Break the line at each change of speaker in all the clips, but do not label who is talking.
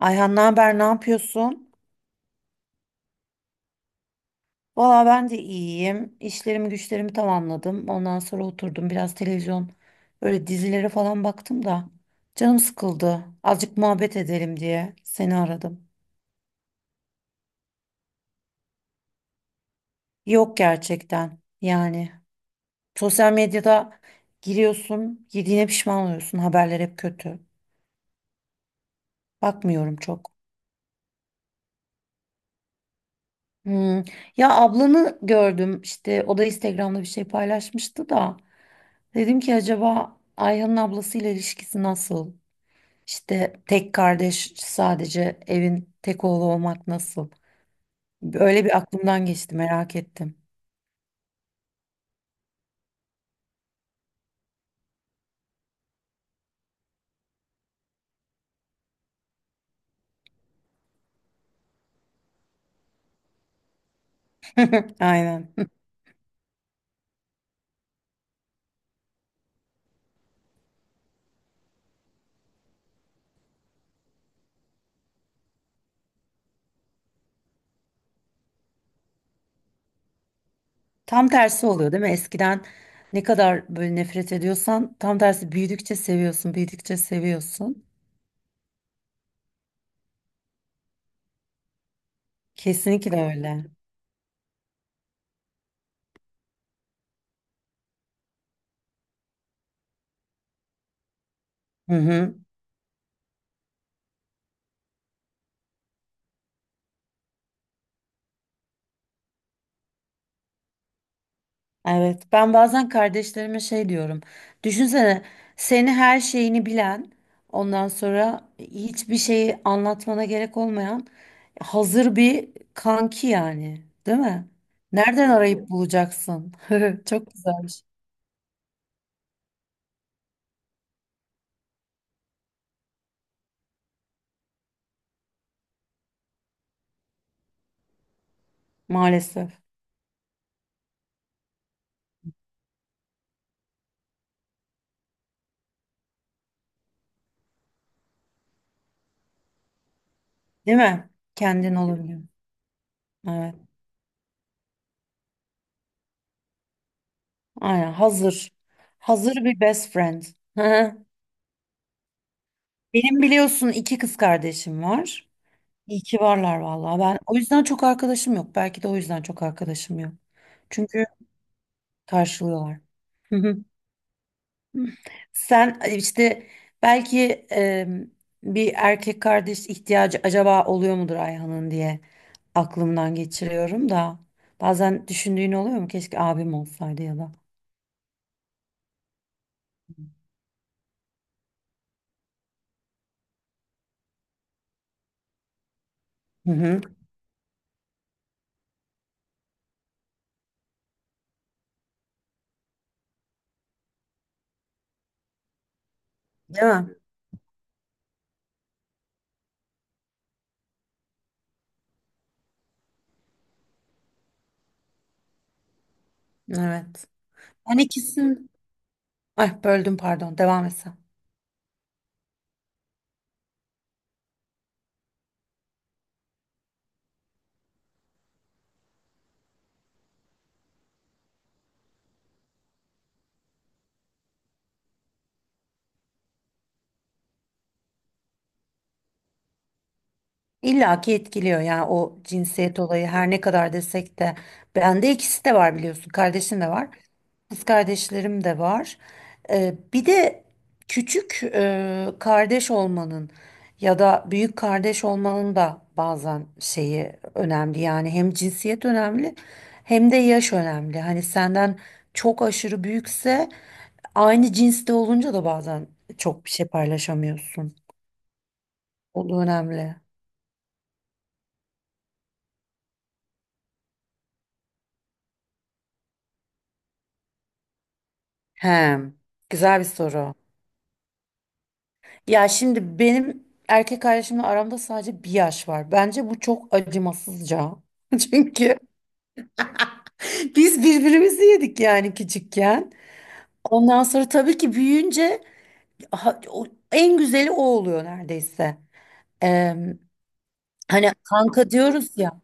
Ayhan ne haber, ne yapıyorsun? Valla ben de iyiyim. İşlerimi güçlerimi tamamladım. Ondan sonra oturdum biraz televizyon, böyle dizilere falan baktım da canım sıkıldı. Azıcık muhabbet edelim diye seni aradım. Yok gerçekten yani. Sosyal medyada giriyorsun, yediğine pişman oluyorsun. Haberler hep kötü. Bakmıyorum çok. Hmm. Ya ablanı gördüm, işte o da Instagram'da bir şey paylaşmıştı da dedim ki acaba Ayhan'ın ablasıyla ilişkisi nasıl? İşte tek kardeş, sadece evin tek oğlu olmak nasıl? Öyle bir aklımdan geçti, merak ettim. Aynen. Tam tersi oluyor değil mi? Eskiden ne kadar böyle nefret ediyorsan, tam tersi büyüdükçe seviyorsun, büyüdükçe seviyorsun. Kesinlikle öyle. Hı hı. Evet, ben bazen kardeşlerime şey diyorum. Düşünsene, seni, her şeyini bilen, ondan sonra hiçbir şeyi anlatmana gerek olmayan hazır bir kanki yani, değil mi? Nereden arayıp bulacaksın? Çok güzelmiş. Maalesef. Değil mi? Kendin olabiliyor. Evet. Aynen hazır. Hazır bir best friend. Benim biliyorsun iki kız kardeşim var. İyi ki varlar vallahi. Ben o yüzden çok arkadaşım yok. Belki de o yüzden çok arkadaşım yok. Çünkü karşılıyorlar. Hı hı. Sen işte belki, bir erkek kardeş ihtiyacı acaba oluyor mudur Ayhan'ın diye aklımdan geçiriyorum da bazen düşündüğün oluyor mu? Keşke abim olsaydı ya da. Hı hı. Değil mi? Evet. Ben ikisini... Ay, böldüm pardon. Devam et sen. İlla ki etkiliyor yani, o cinsiyet olayı her ne kadar desek de bende ikisi de var, biliyorsun, kardeşim de var, kız kardeşlerim de var. Bir de küçük kardeş olmanın ya da büyük kardeş olmanın da bazen şeyi önemli, yani hem cinsiyet önemli, hem de yaş önemli, hani senden çok aşırı büyükse, aynı cinste olunca da bazen çok bir şey paylaşamıyorsun, o da önemli. He, güzel bir soru. Ya şimdi benim erkek kardeşimle aramda sadece bir yaş var. Bence bu çok acımasızca. Çünkü biz birbirimizi yedik yani küçükken. Ondan sonra tabii ki büyüyünce ha- o- en güzeli o oluyor neredeyse. Em, hani kanka diyoruz ya.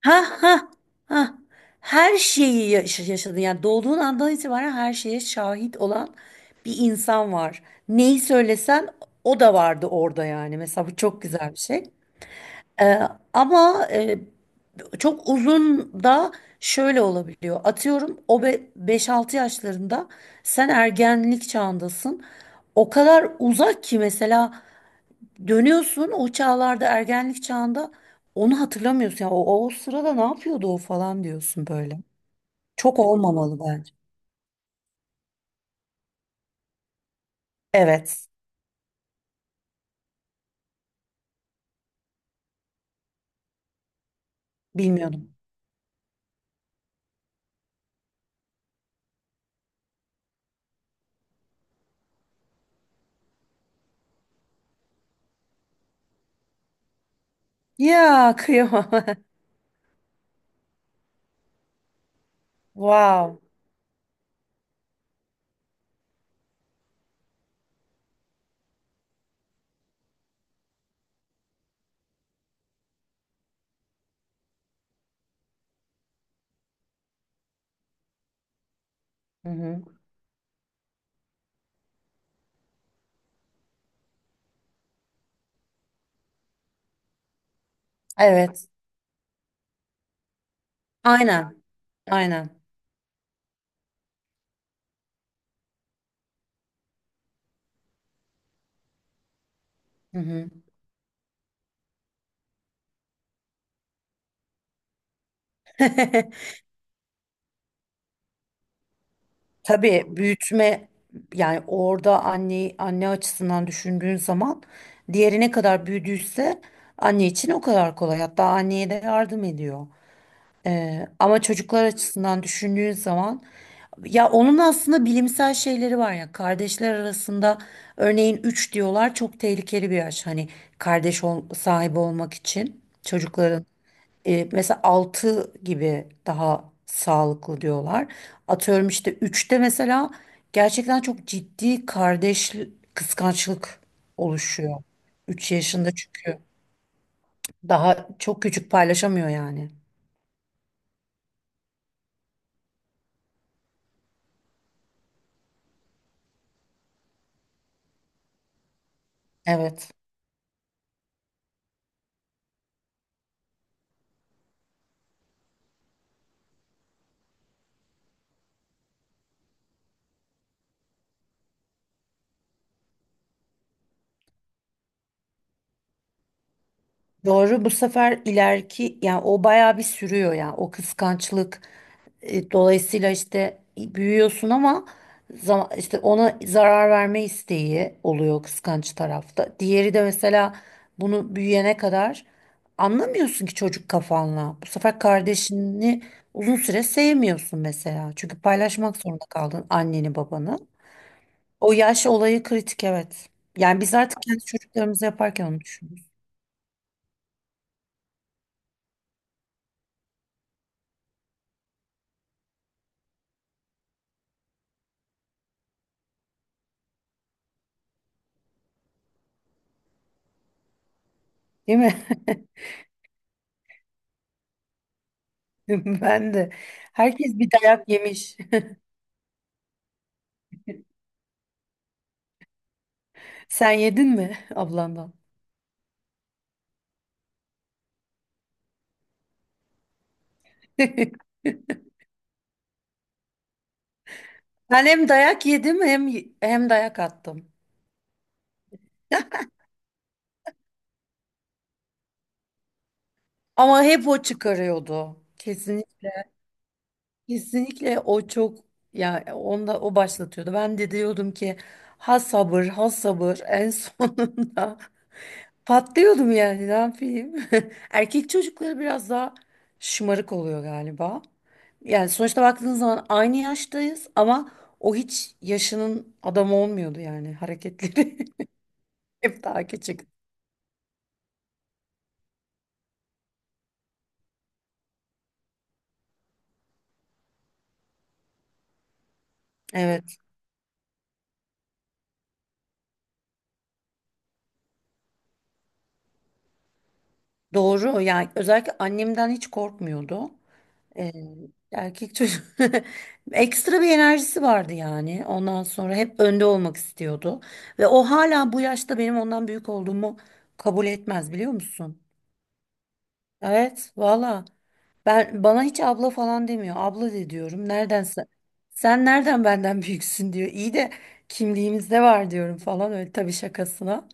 Ha ha ha. Her şeyi yaşadın. Yani doğduğun andan itibaren her şeye şahit olan bir insan var. Neyi söylesen o da vardı orada yani. Mesela bu çok güzel bir şey. Ee, ama çok uzun da şöyle olabiliyor. Atıyorum, o 5-6 yaşlarında, sen ergenlik çağındasın. O kadar uzak ki mesela. Dönüyorsun o çağlarda, ergenlik çağında onu hatırlamıyorsun. Ya o, o sırada ne yapıyordu o falan diyorsun böyle. Çok olmamalı bence. Evet. Bilmiyordum. Ya kıyamam. Wow. Hı-hı. Evet. Aynen. Aynen. Hı-hı. Tabii büyütme yani, orada anne açısından düşündüğün zaman diğeri ne kadar büyüdüyse anne için o kadar kolay. Hatta anneye de yardım ediyor. Ama çocuklar açısından düşündüğün zaman, ya onun aslında bilimsel şeyleri var ya, kardeşler arasında örneğin 3 diyorlar, çok tehlikeli bir yaş, hani kardeş sahibi olmak için çocukların, mesela 6 gibi daha sağlıklı diyorlar. Atıyorum işte üçte mesela gerçekten çok ciddi kardeş kıskançlık oluşuyor. Üç yaşında, çünkü daha çok küçük, paylaşamıyor yani. Evet. Doğru, bu sefer ileriki, yani o bayağı bir sürüyor yani o kıskançlık. E, dolayısıyla işte büyüyorsun ama zaman, işte ona zarar verme isteği oluyor kıskanç tarafta. Diğeri de mesela bunu büyüyene kadar anlamıyorsun ki çocuk kafanla. Bu sefer kardeşini uzun süre sevmiyorsun mesela. Çünkü paylaşmak zorunda kaldın anneni babanı. O yaş olayı kritik, evet. Yani biz artık kendi çocuklarımızı yaparken onu düşünüyoruz. Değil mi? Ben de. Herkes bir dayak yemiş. Sen yedin mi ablandan? Ben hem dayak yedim, hem dayak attım. Ama hep o çıkarıyordu. Kesinlikle, kesinlikle, o çok, ya onda o başlatıyordu. Ben de diyordum ki ha sabır ha sabır, en sonunda. Patlıyordum yani, ne yapayım. Erkek çocukları biraz daha şımarık oluyor galiba. Yani sonuçta baktığınız zaman aynı yaştayız ama o hiç yaşının adamı olmuyordu, yani hareketleri hep daha küçük. Evet, doğru, yani özellikle annemden hiç korkmuyordu. Ee, erkek çocuk ekstra bir enerjisi vardı, yani ondan sonra hep önde olmak istiyordu. Ve o hala bu yaşta benim ondan büyük olduğumu kabul etmez, biliyor musun? Evet, valla, ben, bana hiç abla falan demiyor. Abla de diyorum. Nereden sen, sen nereden benden büyüksün diyor. İyi de kimliğimizde var diyorum falan, öyle tabii, şakasına.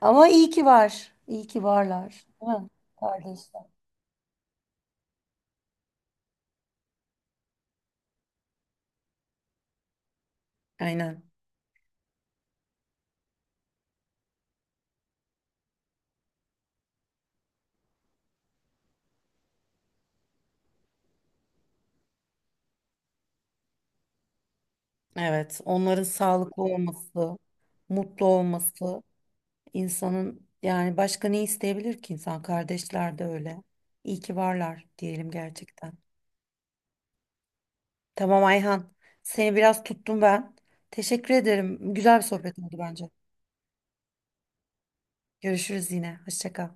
Ama iyi ki var. İyi ki varlar. Değil mi? Kardeşler. Aynen. Evet. Onların sağlıklı olması, mutlu olması, insanın, yani başka ne isteyebilir ki insan? Kardeşler de öyle. İyi ki varlar diyelim gerçekten. Tamam Ayhan. Seni biraz tuttum ben. Teşekkür ederim. Güzel bir sohbet oldu bence. Görüşürüz yine. Hoşça kal.